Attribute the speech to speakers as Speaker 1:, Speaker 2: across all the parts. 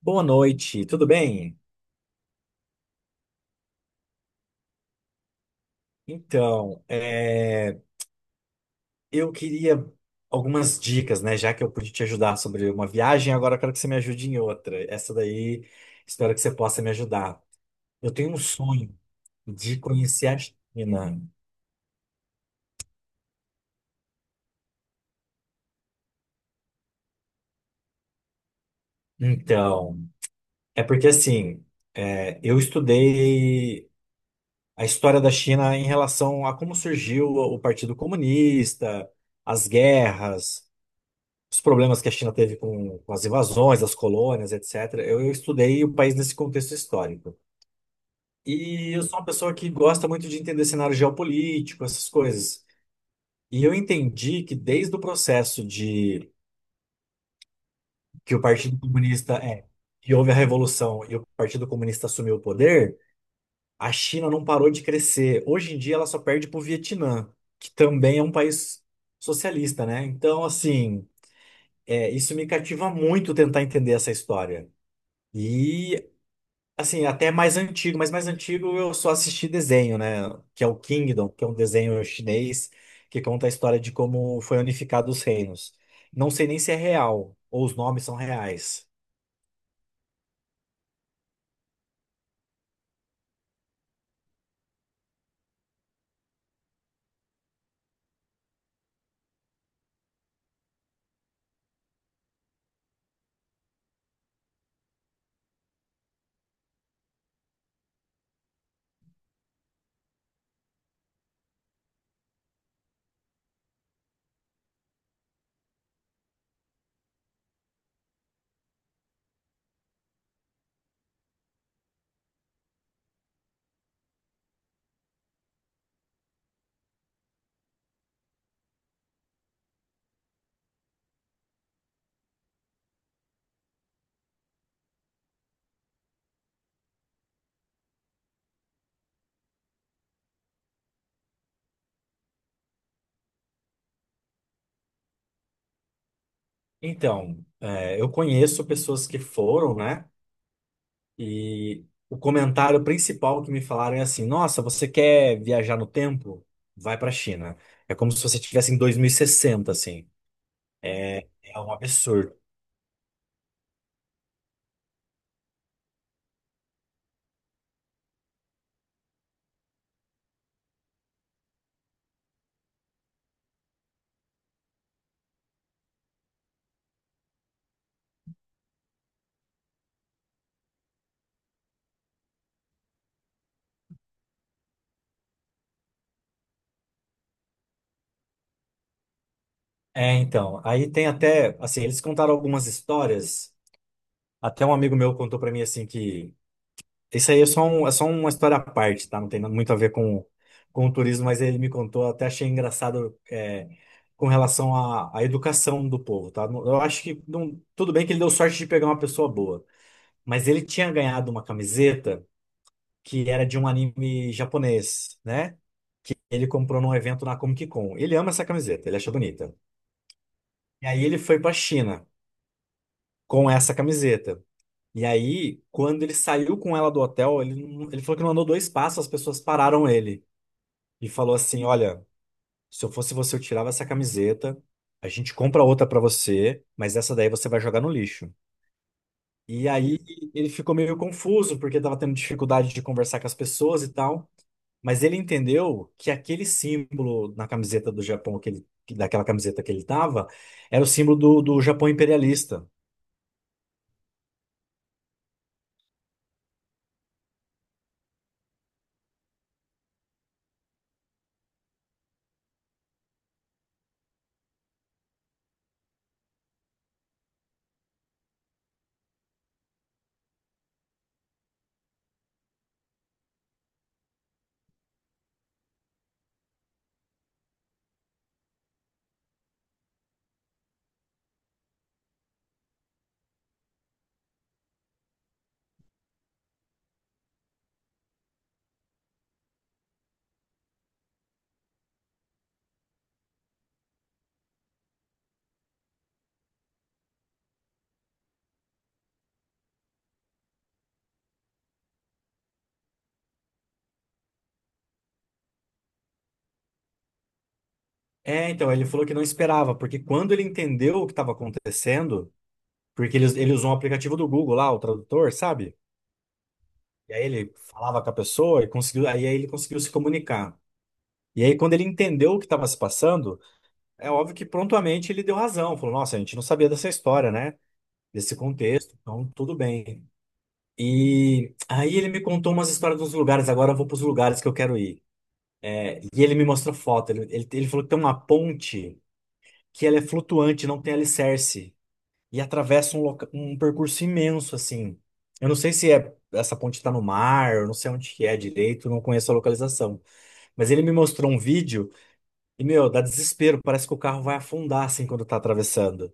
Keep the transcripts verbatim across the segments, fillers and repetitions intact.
Speaker 1: Boa noite, tudo bem? Então, é, eu queria algumas dicas, né? Já que eu pude te ajudar sobre uma viagem, agora eu quero que você me ajude em outra. Essa daí, espero que você possa me ajudar. Eu tenho um sonho de conhecer a China. Então, é porque assim, é, eu estudei a história da China em relação a como surgiu o Partido Comunista, as guerras. Os problemas que a China teve com, com as invasões, as colônias, etcétera. Eu, eu estudei o país nesse contexto histórico. E eu sou uma pessoa que gosta muito de entender cenário geopolítico, essas coisas. E eu entendi que desde o processo de que o Partido Comunista é, que houve a revolução e o Partido Comunista assumiu o poder, a China não parou de crescer. Hoje em dia ela só perde para o Vietnã, que também é um país socialista, né? Então, assim, é, isso me cativa muito tentar entender essa história. E assim, até mais antigo, mas mais antigo eu só assisti desenho, né? Que é o Kingdom, que é um desenho chinês que conta a história de como foi unificado os reinos. Não sei nem se é real ou os nomes são reais. Então, é, eu conheço pessoas que foram, né? E o comentário principal que me falaram é assim: Nossa, você quer viajar no tempo? Vai para a China. É como se você estivesse em dois mil e sessenta, assim. É, é um absurdo. É, então, aí tem até, assim, eles contaram algumas histórias, até um amigo meu contou pra mim, assim, que isso aí é só, um- é só uma história à parte, tá? Não tem nada- muito a ver com, com o turismo, mas ele me contou, até achei engraçado, é, com relação à, à educação do povo, tá? Não- Eu acho que, não- tudo bem que ele deu sorte de pegar uma pessoa boa, mas ele tinha ganhado uma camiseta que era de um anime japonês, né? Ele comprou num evento na Comic Con. Ele ama essa camiseta, ele acha bonita. E aí ele foi pra China com essa camiseta. E aí, quando ele saiu com ela do hotel, ele, não- ele falou que não andou dois passos, as pessoas pararam ele e falou assim: Olha, se eu fosse você, eu tirava essa camiseta, a gente compra outra pra você, mas essa daí você vai jogar no lixo. E aí ele ficou meio confuso, porque tava tendo dificuldade de conversar com as pessoas e tal. Mas ele entendeu que aquele símbolo na camiseta do Japão, que ele- que- daquela camiseta que ele tava, era o símbolo do, do Japão imperialista. É, então, ele falou que não esperava, porque quando ele entendeu o que estava acontecendo, porque eles, ele usou um aplicativo do Google lá, o tradutor, sabe? E aí ele falava com a pessoa e conseguiu, aí ele conseguiu se comunicar. E aí, quando ele entendeu o que estava se passando, é óbvio que prontamente ele deu razão. Falou, nossa, a gente não sabia dessa história, né? Desse contexto, então tudo bem. E aí ele me contou umas histórias dos lugares, agora eu vou para os lugares que eu quero ir. É, e ele me mostrou foto, ele, ele, ele falou que tem uma ponte que ela é flutuante, não tem alicerce. E atravessa um, loca- um percurso imenso, assim. Eu não sei se é essa ponte está no mar, eu não sei onde que é direito, não conheço a localização. Mas ele me mostrou um vídeo e, meu, dá desespero, parece que o carro vai afundar, assim, quando tá atravessando.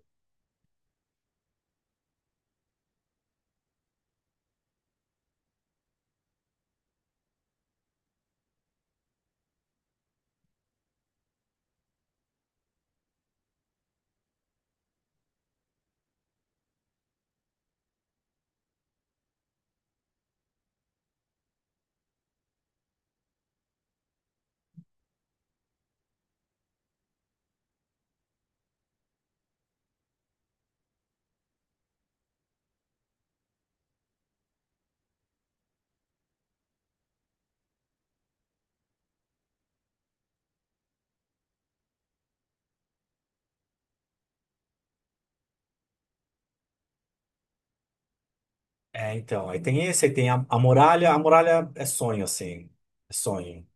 Speaker 1: É, então, aí tem esse, aí tem a, a muralha, a muralha é sonho, assim, é sonho.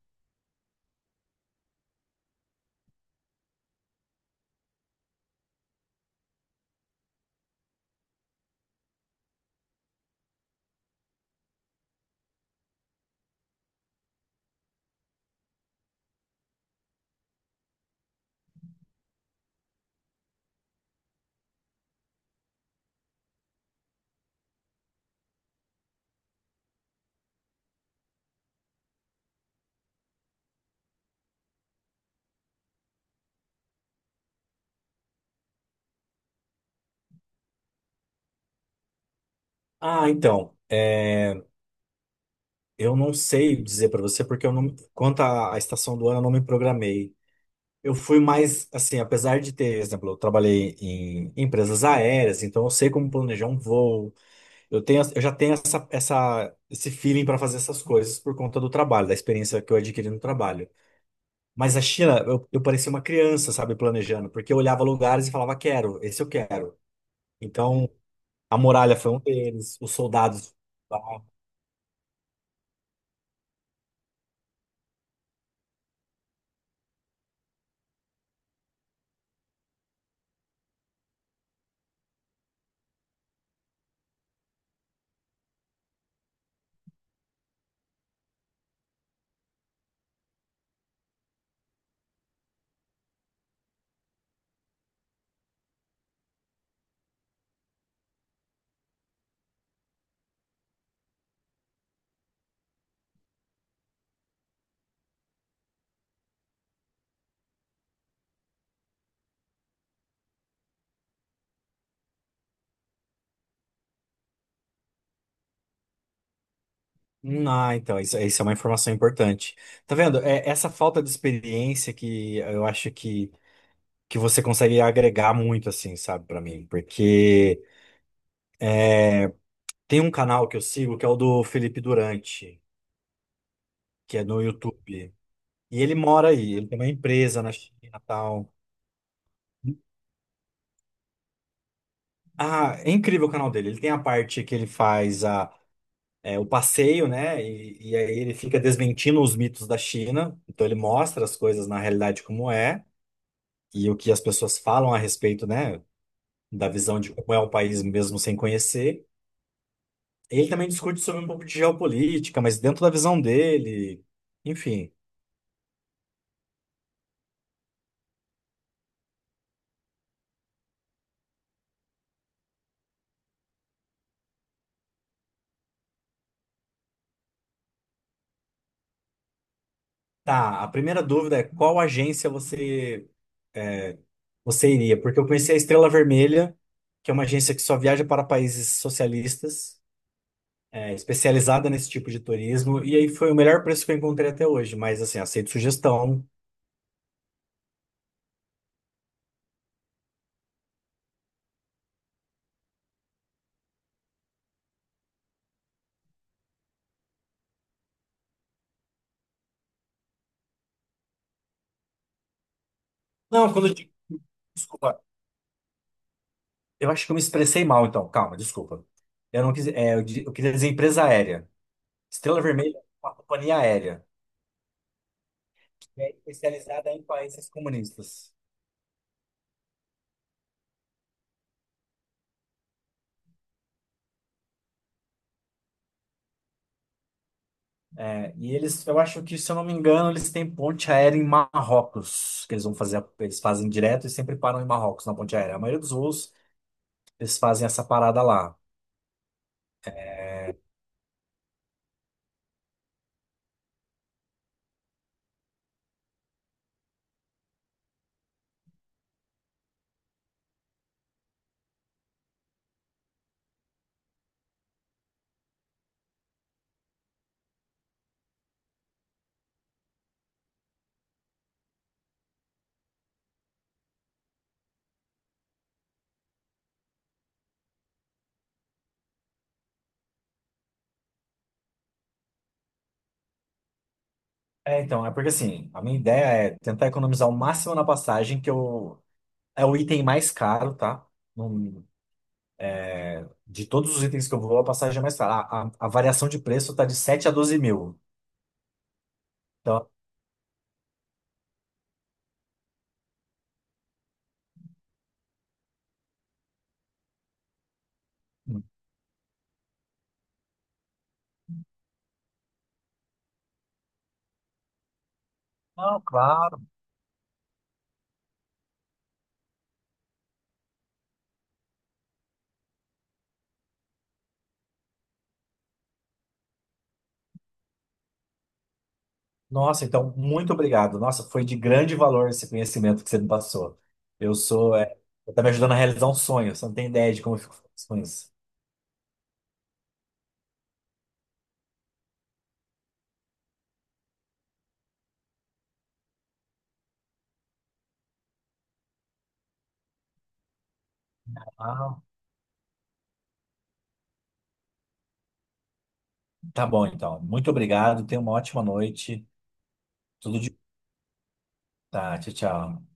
Speaker 1: Ah, então, é, eu não sei dizer pra você, porque eu não, quanto à à estação do ano, eu não me programei. Eu fui mais, assim, apesar de ter, por exemplo, eu trabalhei em empresas aéreas, então eu sei como planejar um voo. Eu tenho, eu já tenho essa, essa, esse feeling para fazer essas coisas por conta do trabalho, da experiência que eu adquiri no trabalho. Mas a China, eu, eu parecia uma criança, sabe, planejando, porque eu olhava lugares e falava, quero, esse eu quero. Então, a muralha foi um deles, os soldados. Hum, Ah, então, isso, isso é uma informação importante. Tá vendo? É essa falta de experiência que eu acho que que você consegue agregar muito, assim, sabe, pra mim. Porque é, tem um canal que eu sigo que é o do Felipe Durante, que é no YouTube. E ele mora aí, ele tem uma empresa na China e tal. Ah, é incrível o canal dele. Ele tem a parte que ele faz a, é, o passeio, né? E, e aí ele fica desmentindo os mitos da China. Então ele mostra as coisas na realidade como é e o que as pessoas falam a respeito, né? Da visão de como é o país mesmo sem conhecer. Ele também discute sobre um pouco de geopolítica, mas dentro da visão dele. Enfim. Tá, a primeira dúvida é qual agência você, é, você iria? Porque eu conheci a Estrela Vermelha, que é uma agência que só viaja para países socialistas, é, especializada nesse tipo de turismo, e aí foi o melhor preço que eu encontrei até hoje, mas assim, aceito sugestão. Não, quando eu digo, desculpa, eu acho que eu me expressei mal então, calma, desculpa. Eu não quis, é, eu, di- eu queria dizer empresa aérea. Estrela Vermelha é uma companhia aérea. é especializada em países comunistas. É, e eles, eu acho que, se eu não me engano, eles têm ponte aérea em Marrocos, que eles vão fazer, eles fazem direto e sempre param em Marrocos na ponte aérea. A maioria dos voos, eles fazem essa parada lá. É, então, é porque assim, a minha ideia é tentar economizar o máximo na passagem, que eu, é o item mais caro, tá? Num- de todos os itens que eu vou, a passagem é mais cara. A, a, a variação de preço tá de sete a doze mil. Então, não, claro. Nossa, então, muito obrigado. Nossa, foi de grande valor esse conhecimento que você me passou. Eu sou, é, Você tá me ajudando a realizar um sonho. Você não tem ideia de como eu fico feliz com isso. Ah, tá bom, então. Muito obrigado. Tenha uma ótima noite. Tudo de... Tá, tchau, tchau.